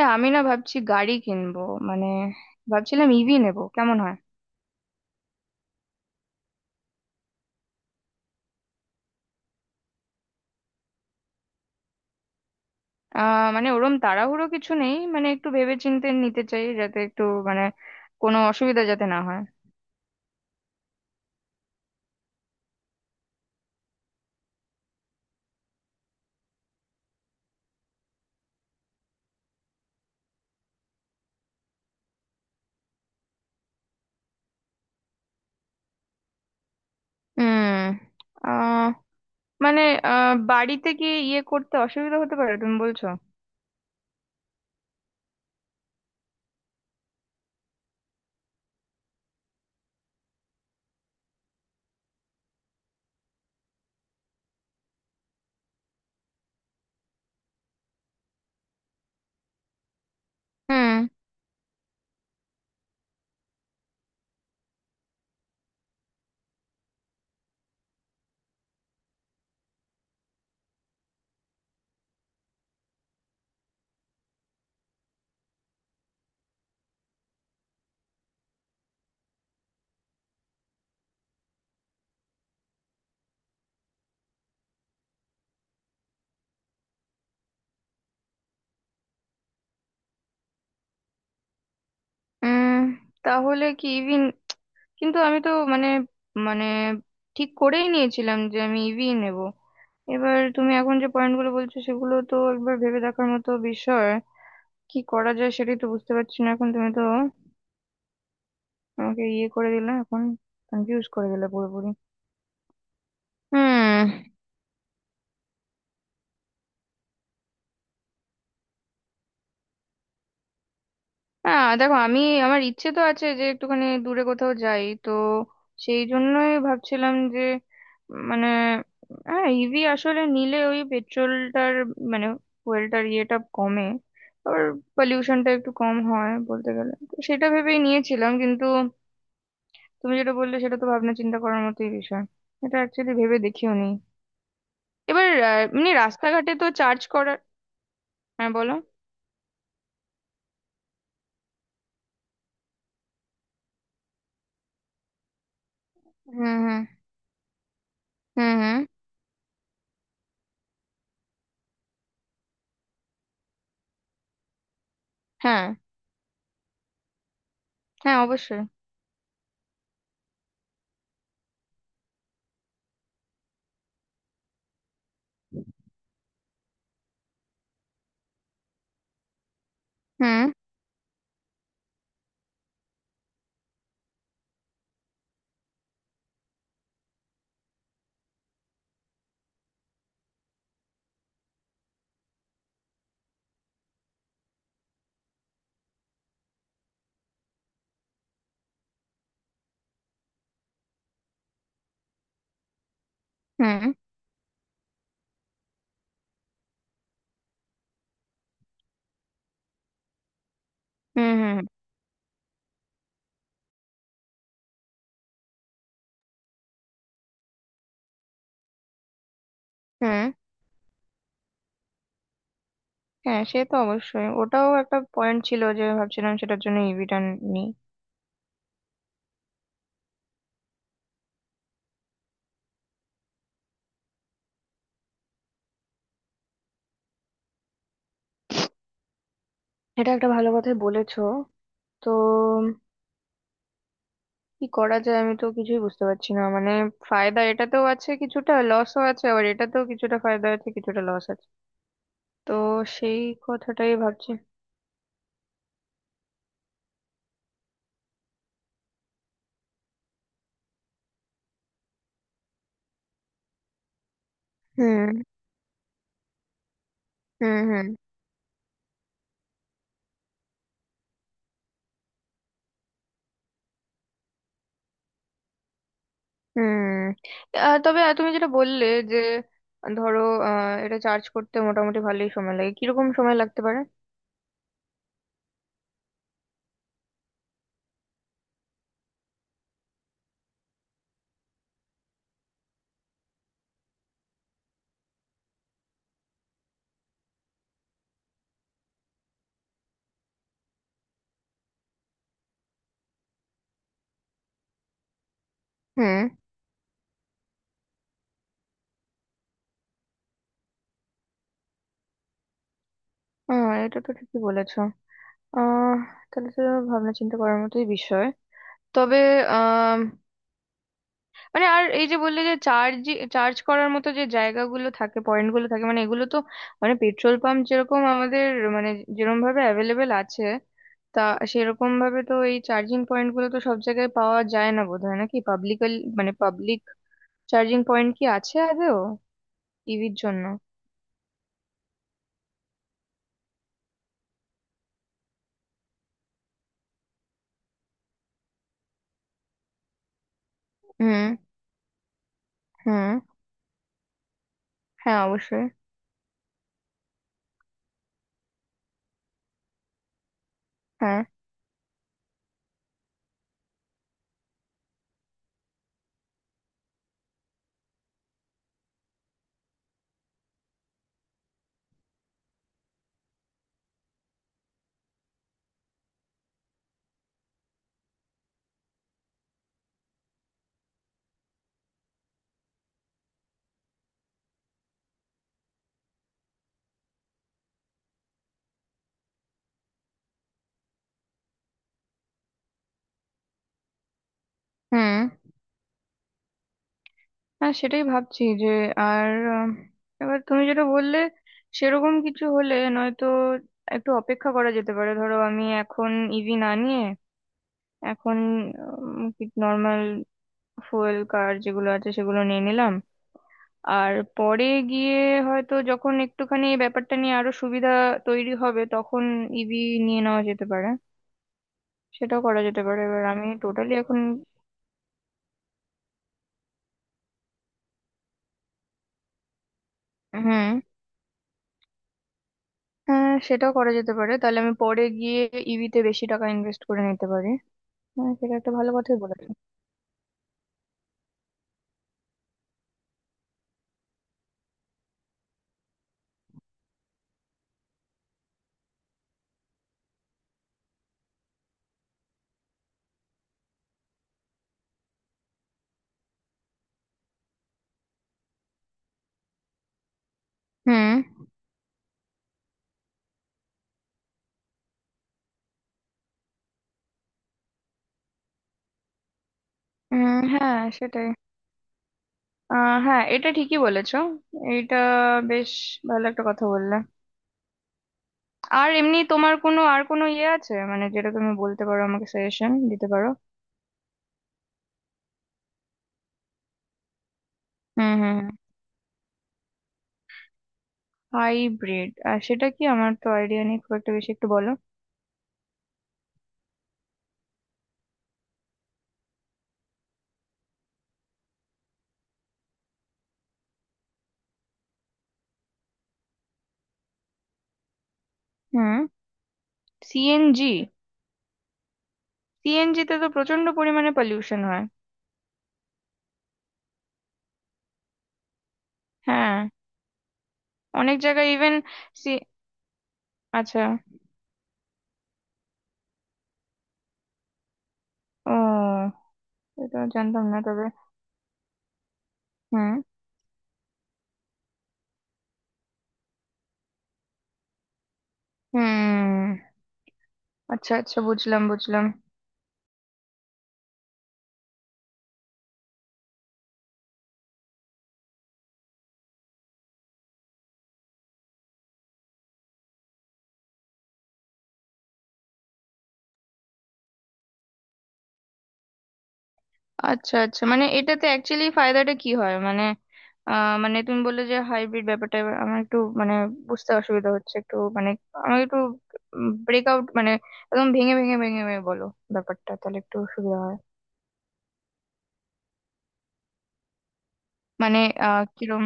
আমি না ভাবছি গাড়ি কিনবো। মানে ভাবছিলাম ইভি নেবো কেমন হয়। মানে ওরম তাড়াহুড়ো কিছু নেই, মানে একটু ভেবেচিন্তে নিতে চাই যাতে একটু, মানে কোনো অসুবিধা যাতে না হয়। হুম। আহ মানে বাড়িতে কি ইয়ে করতে অসুবিধা হতে পারে তুমি বলছো? হুম। উম। তাহলে কি ইভি, কিন্তু আমি তো মানে, মানে ঠিক করেই নিয়েছিলাম যে আমি ইভি নেব। এবার তুমি এখন যে পয়েন্টগুলো বলছো সেগুলো তো একবার ভেবে দেখার মতো বিষয়। কি করা যায় সেটাই তো বুঝতে পারছি না এখন, তুমি তো আমাকে ইয়ে করে দিলে এখন, কনফিউজ করে দিলে পুরোপুরি। হুম। হ্যাঁ দেখো, আমি আমার ইচ্ছে তো আছে যে একটুখানি দূরে কোথাও যাই তো। সেই জন্যই ভাবছিলাম যে মানে, হ্যাঁ ইভি আসলে নিলে ওই পেট্রোলটার মানে ফুয়েলটার ইয়েটা কমে, আর পলিউশনটা একটু কম হয় বলতে গেলে, তো সেটা ভেবেই নিয়েছিলাম। কিন্তু তুমি যেটা বললে সেটা তো ভাবনা চিন্তা করার মতোই বিষয়। এটা অ্যাকচুয়ালি ভেবে দেখিও নি। এবার এমনি রাস্তাঘাটে তো চার্জ করার। হ্যাঁ বলো। হুম হুম। হুম হুম। হ্যাঁ হ্যাঁ অবশ্যই। হুম হুম। হুম হুম। হুম হুম। হ্যাঁ সে তো অবশ্যই, ওটাও একটা পয়েন্ট ছিল যে ভাবছিলাম সেটার জন্য ইভিটা নিই। এটা একটা ভালো কথাই বলেছো। তো কি করা যায়, আমি তো কিছুই বুঝতে পারছি না মানে। ফায়দা এটাতেও আছে কিছুটা, লসও আছে, আবার এটাতেও কিছুটা ফায়দা আছে কিছুটা লস আছে। তো সেই কথাটাই ভাবছি। হুম হুম। হুম হুম। তবে তুমি যেটা বললে যে ধরো, এটা চার্জ করতে মোটামুটি ভালোই সময় লাগে, কিরকম সময় লাগতে পারে? হুম। এটা তো ঠিকই বলেছো। আহ তাহলে তো ভাবনা চিন্তা করার মতোই বিষয়। তবে মানে আর এই যে বললে যে চার্জ, চার্জ করার মতো যে জায়গাগুলো থাকে পয়েন্টগুলো থাকে মানে এগুলো তো মানে পেট্রোল পাম্প যেরকম আমাদের মানে যেরকম ভাবে অ্যাভেলেবেল আছে, তা সেরকম ভাবে তো এই চার্জিং পয়েন্ট গুলো তো সব জায়গায় পাওয়া যায় না বোধহয়। নাকি পাবলিক, মানে পাবলিক চার্জিং পয়েন্ট কি আছে আদৌ ইভির জন্য? হুম হুম। হ্যাঁ অবশ্যই। হ্যাঁ। হুম। হ্যাঁ সেটাই ভাবছি যে, আর এবার তুমি যেটা বললে সেরকম কিছু হলে নয়তো একটু অপেক্ষা করা যেতে পারে। ধরো আমি এখন ইভি না নিয়ে এখন নর্মাল ফুয়েল কার যেগুলো আছে সেগুলো নিয়ে নিলাম, আর পরে গিয়ে হয়তো যখন একটুখানি এই ব্যাপারটা নিয়ে আরো সুবিধা তৈরি হবে তখন ইভি নিয়ে নেওয়া যেতে পারে। সেটাও করা যেতে পারে এবার, আমি টোটালি এখন। হুম। হ্যাঁ সেটাও করা যেতে পারে, তাহলে আমি পরে গিয়ে ইভিতে বেশি টাকা ইনভেস্ট করে নিতে পারি। হ্যাঁ সেটা একটা ভালো কথাই বলেছো। হুম। হ্যাঁ সেটাই। হ্যাঁ এটা ঠিকই বলেছো। এটা বেশ ভালো একটা কথা বললে। আর এমনি তোমার কোনো আর কোনো ইয়ে আছে মানে, যেটা তুমি বলতে পারো আমাকে, সাজেশন দিতে পারো? হুম হুম। হাইব্রিড? আর সেটা কি? আমার তো আইডিয়া নেই খুব একটা বেশি, একটু বলো। হুম। সিএনজি? সিএনজি তে তো প্রচন্ড পরিমাণে পলিউশন হয়। হ্যাঁ। অনেক জায়গায় ইভেন সি আচ্ছা। ও, এটা জানতাম না তবে। হুম হুম। আচ্ছা আচ্ছা বুঝলাম বুঝলাম। আচ্ছা আচ্ছা মানে এটাতে অ্যাকচুয়ালি ফায়দাটা কি হয় মানে? মানে তুমি বললে যে হাইব্রিড ব্যাপারটা, এবার আমার একটু মানে বুঝতে অসুবিধা হচ্ছে একটু, মানে আমাকে একটু ব্রেকআউট মানে একদম ভেঙে ভেঙে ভেঙে ভেঙে বলো, ব্যাপারটা তাহলে একটু সুবিধা হয়। মানে কিরম?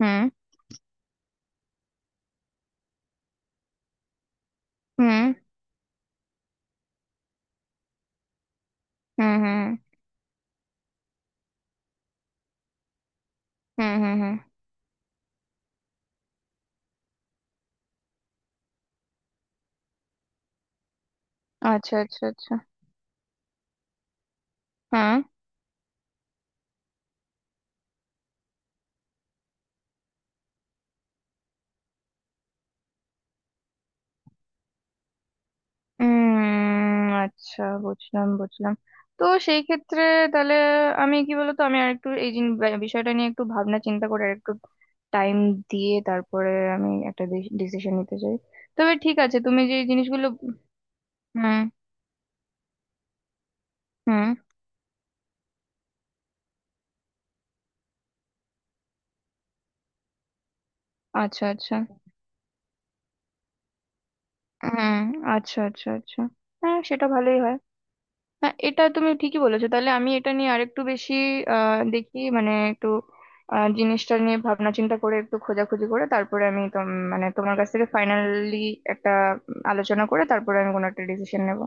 হুম হুম। হুম হুম। হুম হুম। হুম। আচ্ছা আচ্ছা আচ্ছা। হ্যাঁ। উম। আচ্ছা বুঝলাম বুঝলাম। তো সেই ক্ষেত্রে তাহলে আমি কি বলতো, আমি আর একটু এই বিষয়টা নিয়ে একটু ভাবনা চিন্তা করে আর একটু টাইম দিয়ে তারপরে আমি একটা ডিসিশন নিতে চাই। তবে ঠিক আছে, তুমি যে এই জিনিসগুলো। হুম হুম। আচ্ছা আচ্ছা। হুম। আচ্ছা আচ্ছা আচ্ছা। হ্যাঁ সেটা ভালোই হয়। হ্যাঁ এটা তুমি ঠিকই বলেছো, তাহলে আমি এটা নিয়ে আরেকটু বেশি দেখি মানে একটু, জিনিসটা নিয়ে ভাবনা চিন্তা করে একটু খোঁজাখুঁজি করে তারপরে আমি মানে তোমার কাছ থেকে ফাইনালি একটা আলোচনা করে তারপরে আমি কোনো একটা ডিসিশন নেব।